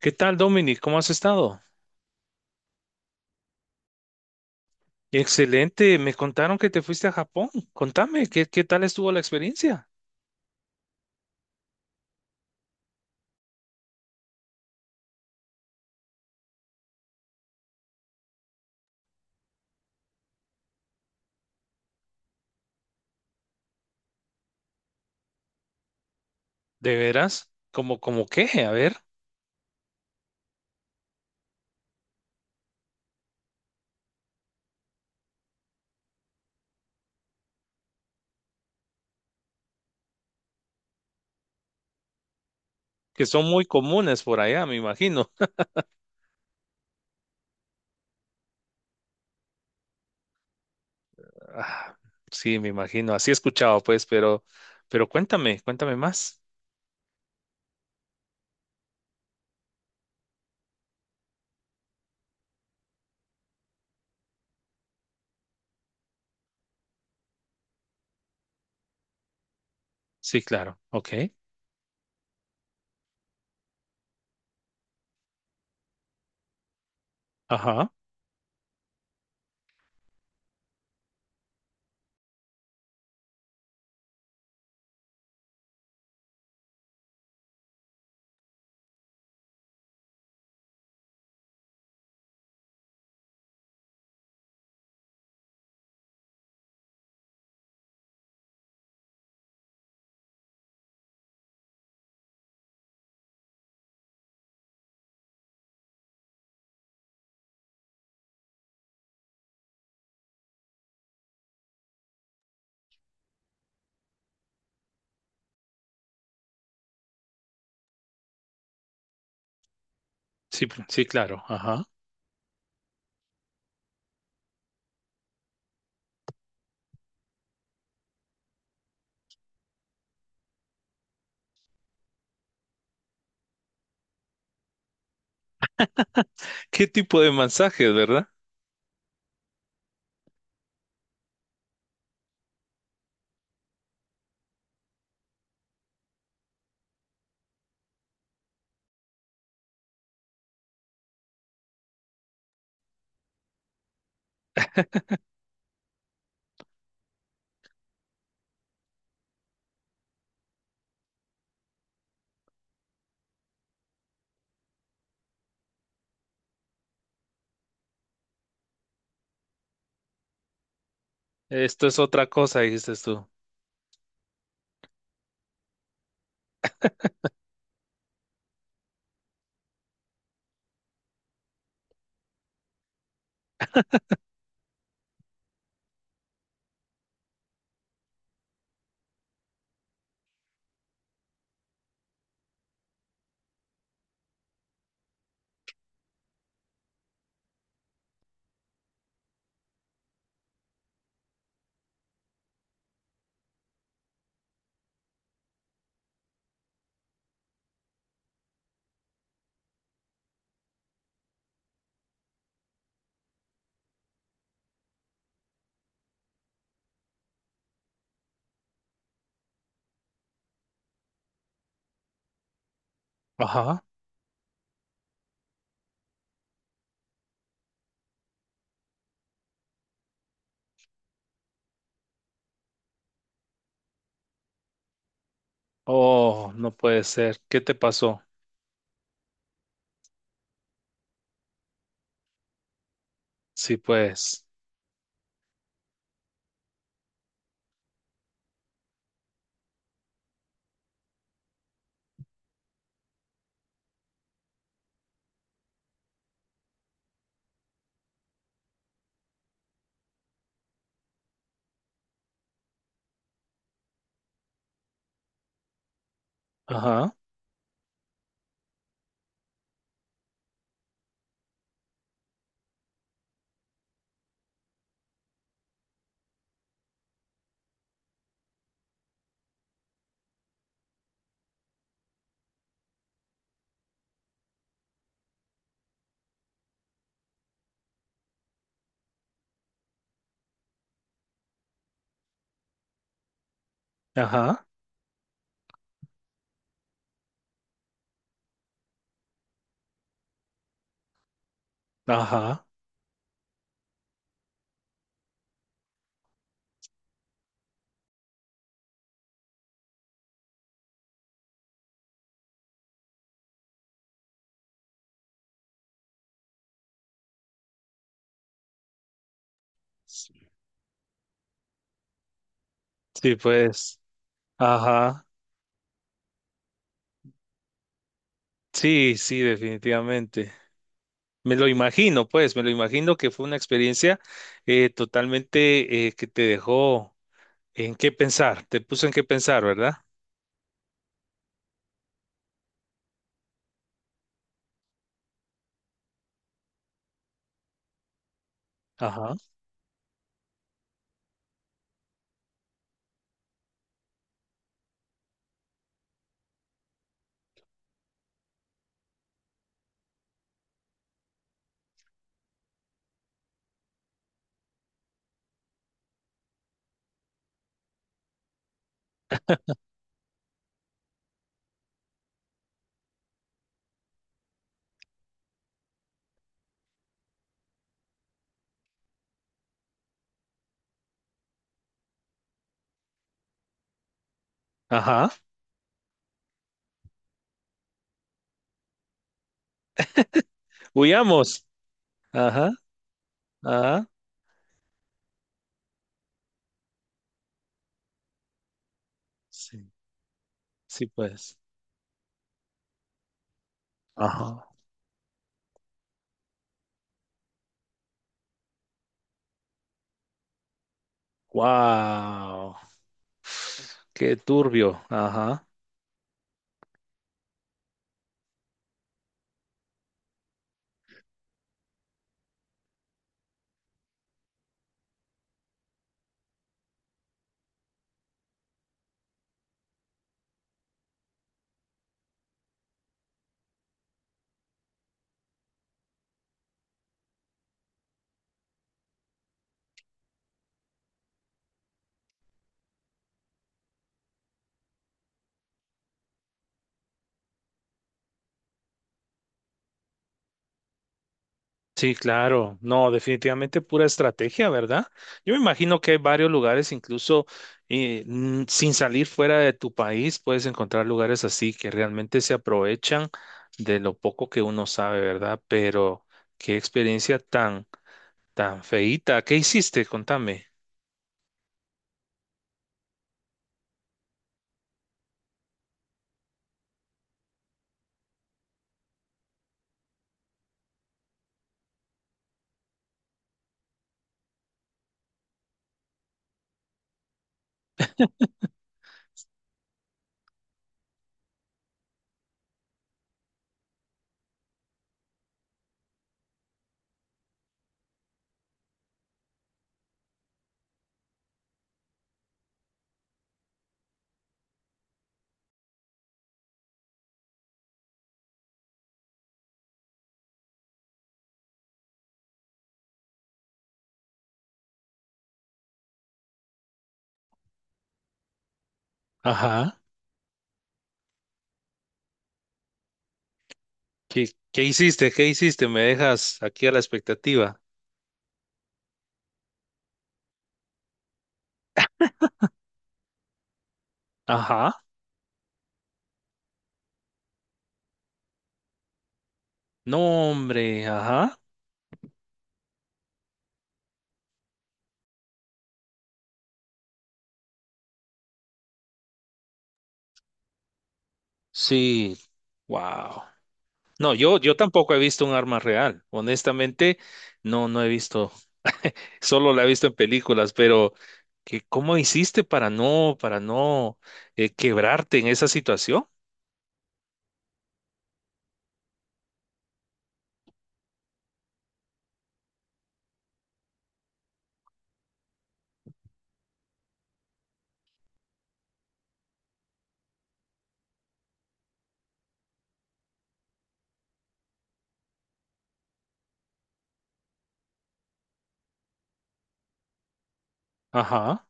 ¿Qué tal, Dominic? ¿Cómo has estado? Excelente. Me contaron que te fuiste a Japón. Contame, ¿qué tal estuvo la experiencia? ¿De veras? ¿Cómo qué? A ver, que son muy comunes por allá, me imagino. Ah, sí, me imagino. Así he escuchado, pues, pero cuéntame, cuéntame más. Sí, claro. Ok. Ajá. Sí, sí, claro. Ajá. ¿Qué tipo de mensajes, verdad? Esto es otra cosa, dijiste tú. Ajá. Oh, no puede ser. ¿Qué te pasó? Sí, pues. Ajá. Ajá. Ajá. Sí, pues. Ajá. Sí, sí, definitivamente. Me lo imagino, pues, me lo imagino que fue una experiencia totalmente que te dejó en qué pensar, te puso en qué pensar, ¿verdad? Ajá. Ajá. Huyamos. Ajá. Ajá. Sí, sí, pues. Ajá. Wow. Qué turbio. Ajá. Sí, claro. No, definitivamente pura estrategia, ¿verdad? Yo me imagino que hay varios lugares, incluso sin salir fuera de tu país, puedes encontrar lugares así que realmente se aprovechan de lo poco que uno sabe, ¿verdad? Pero qué experiencia tan, tan feíta. ¿Qué hiciste? Contame. Ajá. ¿Qué, qué hiciste? ¿Qué hiciste? Me dejas aquí a la expectativa. Ajá. No, hombre. Ajá. Sí. Wow. No, yo tampoco he visto un arma real. Honestamente, no, no he visto. Solo la he visto en películas, pero que ¿cómo hiciste para no quebrarte en esa situación? Ajá.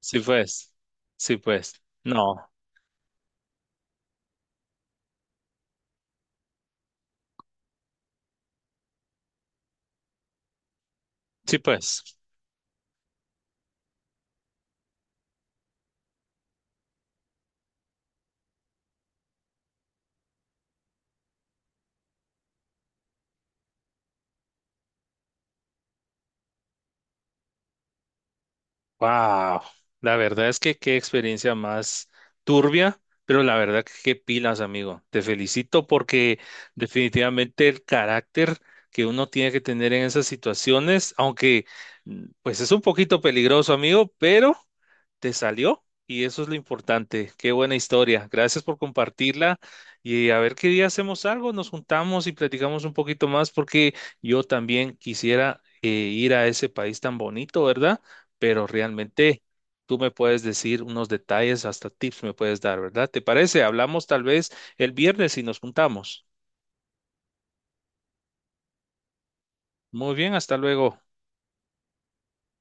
Sí, pues. Sí, pues. No. Sí, pues. Wow, la verdad es que qué experiencia más turbia, pero la verdad que qué pilas, amigo. Te felicito porque definitivamente el carácter que uno tiene que tener en esas situaciones, aunque pues es un poquito peligroso, amigo, pero te salió y eso es lo importante. Qué buena historia. Gracias por compartirla y a ver qué día hacemos algo, nos juntamos y platicamos un poquito más porque yo también quisiera ir a ese país tan bonito, ¿verdad? Pero realmente tú me puedes decir unos detalles, hasta tips me puedes dar, ¿verdad? ¿Te parece? Hablamos tal vez el viernes y nos juntamos. Muy bien, hasta luego.